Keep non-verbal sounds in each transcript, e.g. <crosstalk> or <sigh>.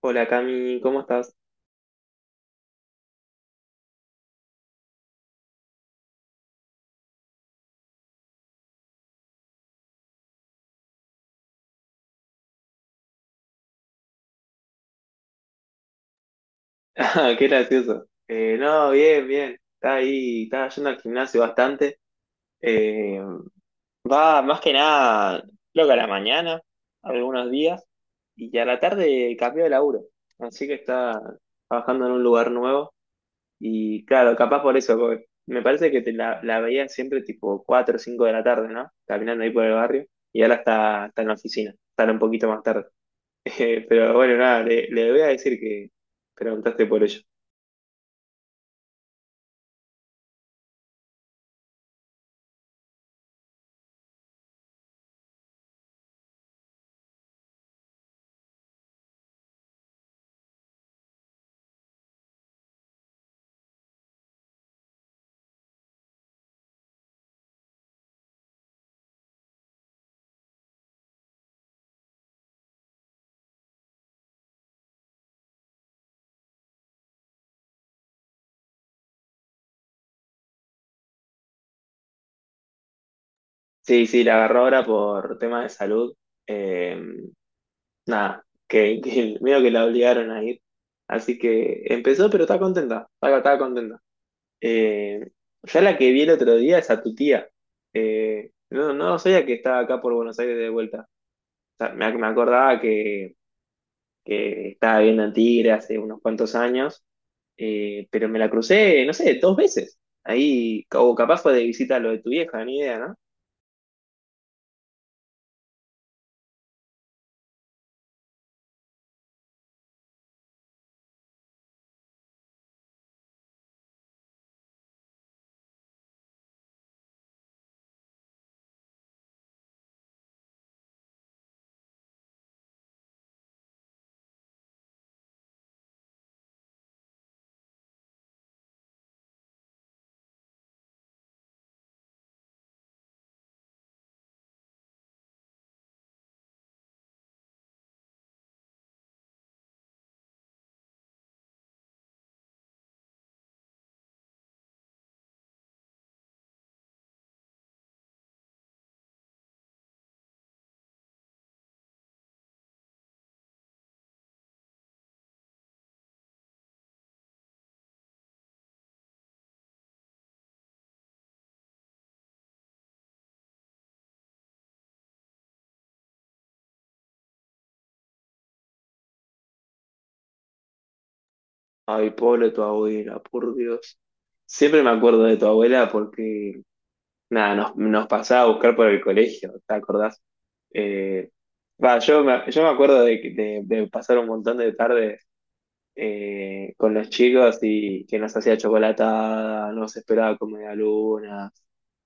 Hola Cami, ¿cómo estás? <laughs> Ah, qué gracioso. No, bien. Está ahí, está yendo al gimnasio bastante. Eh, Va más que nada, creo que a la mañana, algunos días, y a la tarde cambió de laburo. Así que está trabajando en un lugar nuevo. Y claro, capaz por eso, porque me parece que la veía siempre tipo 4 o 5 de la tarde, ¿no? Caminando ahí por el barrio, y ahora está en la oficina, sale un poquito más tarde. <laughs> Pero bueno, nada, le voy a decir que preguntaste por ello. Sí, sí, la agarró ahora por tema de salud. Eh, Nada, que, <laughs> que medio que la obligaron a ir. Así que empezó, pero está contenta, está contenta. Eh, ya la que vi el otro día es a tu tía. No, no sabía que estaba acá por Buenos Aires de vuelta. O sea, me acordaba que estaba viviendo en Tigre hace unos cuantos años, pero me la crucé, no sé, dos veces. Ahí, o capaz fue de visita a lo de tu vieja, ni idea, ¿no? Ay, Polo, tu abuela, por Dios. Siempre me acuerdo de tu abuela porque, nada, nos pasaba a buscar por el colegio, ¿te acordás? Eh, Va, yo me acuerdo de pasar un montón de tardes con los chicos y que nos hacía chocolatada, nos esperaba como media luna.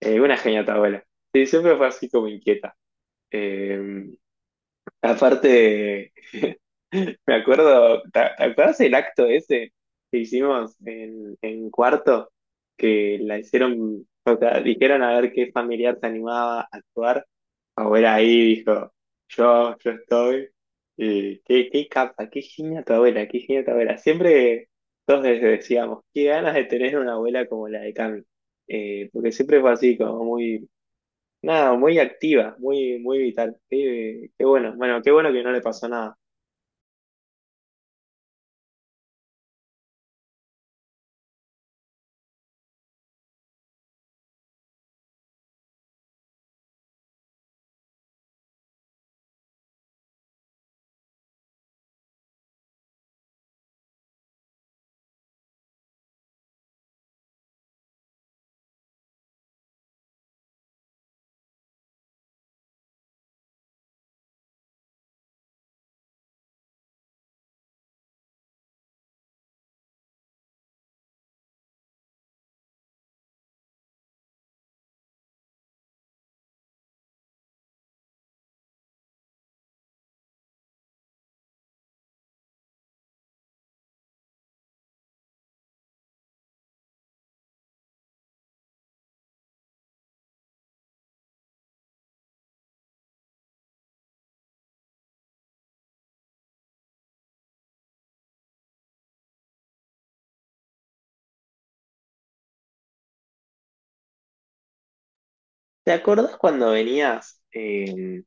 Una genia tu abuela. Sí, siempre fue así como inquieta. Eh, Aparte, me acuerdo, te acuerdas el acto ese que hicimos en cuarto? Que la hicieron, o sea, dijeron a ver qué familiar se animaba a actuar. Abuela ahí dijo, yo estoy. Y qué, qué capa, qué genia tu abuela, qué genia tu abuela. Siempre todos les decíamos, qué ganas de tener una abuela como la de Cami. Porque siempre fue así, como muy... Nada, muy activa, muy vital. Qué, qué bueno, bueno, qué bueno que no le pasó nada. ¿Te acordás cuando venías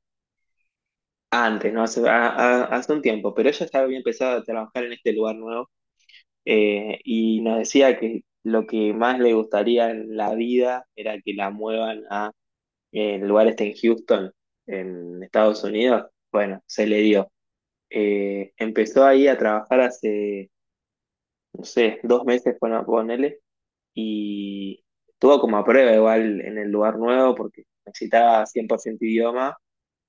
antes, no? Hace, hace un tiempo, pero ella ya había empezado a trabajar en este lugar nuevo, y nos decía que lo que más le gustaría en la vida era que la muevan a, el lugar este en Houston, en Estados Unidos. Bueno, se le dio. Empezó ahí a trabajar hace, no sé, 2 meses, bueno, ponele, y estuvo como a prueba igual en el lugar nuevo porque necesitaba 100% idioma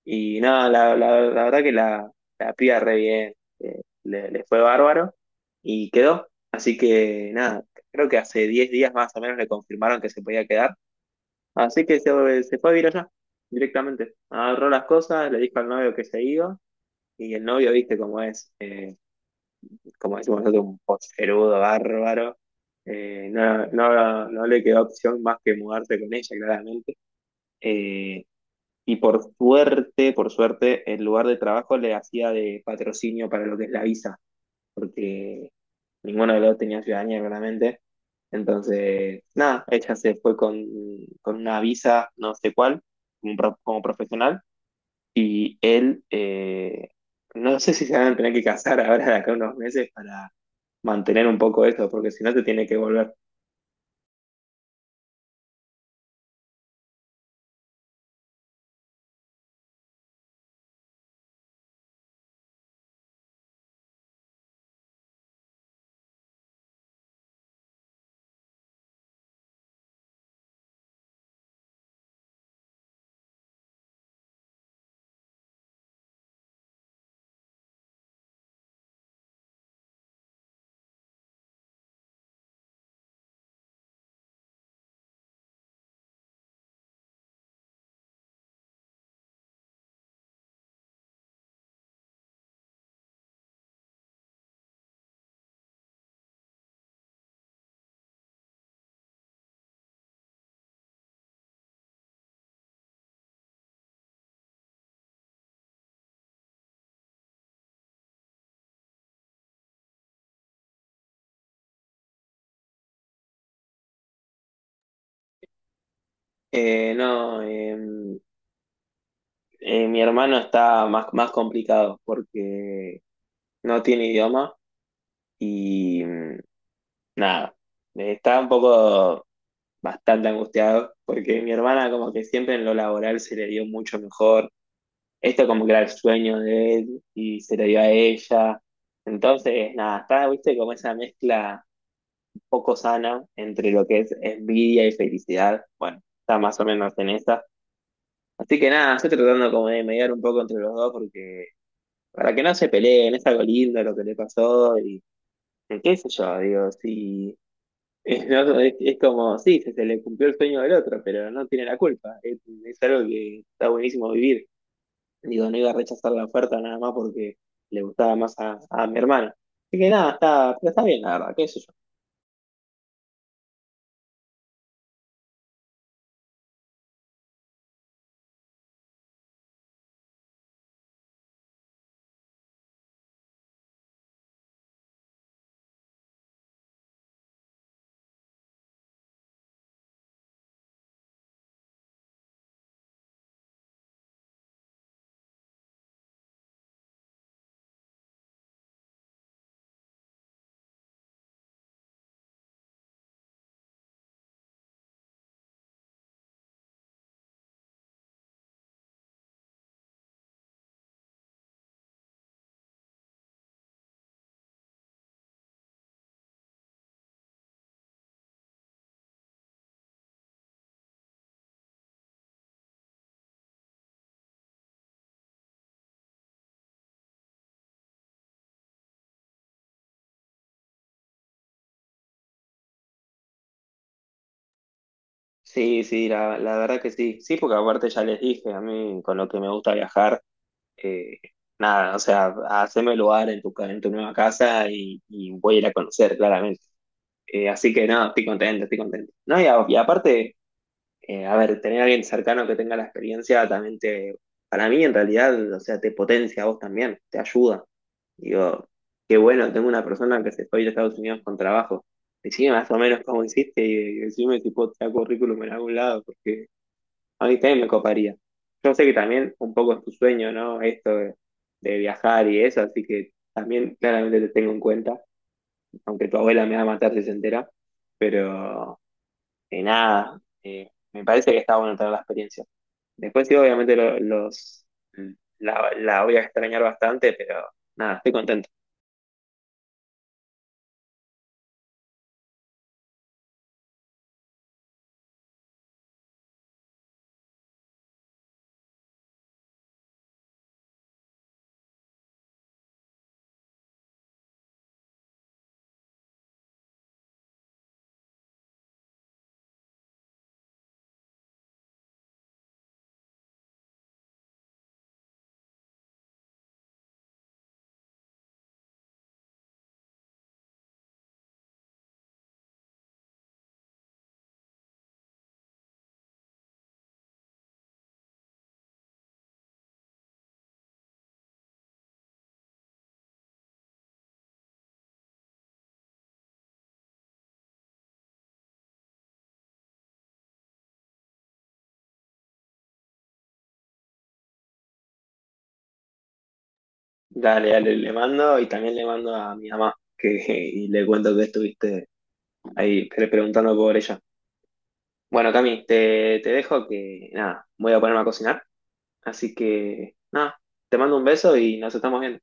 y nada, la verdad que la piba re bien, le fue bárbaro y quedó. Así que nada, creo que hace 10 días más o menos le confirmaron que se podía quedar. Así que se fue a vivir allá directamente. Agarró las cosas, le dijo al novio que se iba y el novio, viste cómo es. Como decimos nosotros, un poserudo bárbaro. No, no le quedó opción más que mudarse con ella, claramente. Eh, y por suerte, el lugar de trabajo le hacía de patrocinio para lo que es la visa, porque ninguno de los dos tenía ciudadanía, claramente. Entonces, nada, ella se fue con una visa, no sé cuál, como, como profesional, y él, no sé si se van a tener que casar ahora de acá a unos meses para mantener un poco eso, porque si no te tiene que volver. No, mi hermano está más, más complicado porque no tiene idioma y nada, está un poco bastante angustiado porque mi hermana como que siempre en lo laboral se le dio mucho mejor. Esto como que era el sueño de él y se le dio a ella. Entonces, nada, está, viste, como esa mezcla un poco sana entre lo que es envidia y felicidad. Bueno, está más o menos en esa. Así que nada, estoy tratando como de mediar un poco entre los dos porque para que no se peleen, es algo lindo lo que le pasó y qué sé yo, digo, sí, es, no, es como, sí, se le cumplió el sueño del otro, pero no tiene la culpa, es algo que está buenísimo vivir. Digo, no iba a rechazar la oferta nada más porque le gustaba más a mi hermana. Así que nada, está, pero está bien, la verdad, qué sé yo. Sí, sí, la verdad que sí. Sí, porque aparte ya les dije, a mí con lo que me gusta viajar. eh, Nada, o sea, haceme lugar en tu, en tu nueva casa y voy a ir a conocer, claramente. Así que no, estoy contento, estoy contento. No, y aparte, a ver, tener a alguien cercano que tenga la experiencia también te... Para mí en realidad, o sea, te potencia a vos también, te ayuda. Digo, qué bueno, tengo una persona que se fue a ir a Estados Unidos con trabajo. Decime más o menos cómo hiciste y decime si puedo traer currículum en algún lado, a mí también me coparía. Yo sé que también un poco es tu sueño, ¿no? Esto de viajar y eso, así que también claramente te tengo en cuenta, aunque tu abuela me va a matar si se entera, pero nada, me parece que está bueno tener la experiencia. Después sí, obviamente la voy a extrañar bastante, pero nada, estoy contento. Dale, dale, le mando y también le mando a mi mamá que, <laughs> y le cuento que estuviste ahí preguntando por ella. Bueno, Cami, te dejo que nada, voy a ponerme a cocinar. Así que nada, te mando un beso y nos estamos viendo.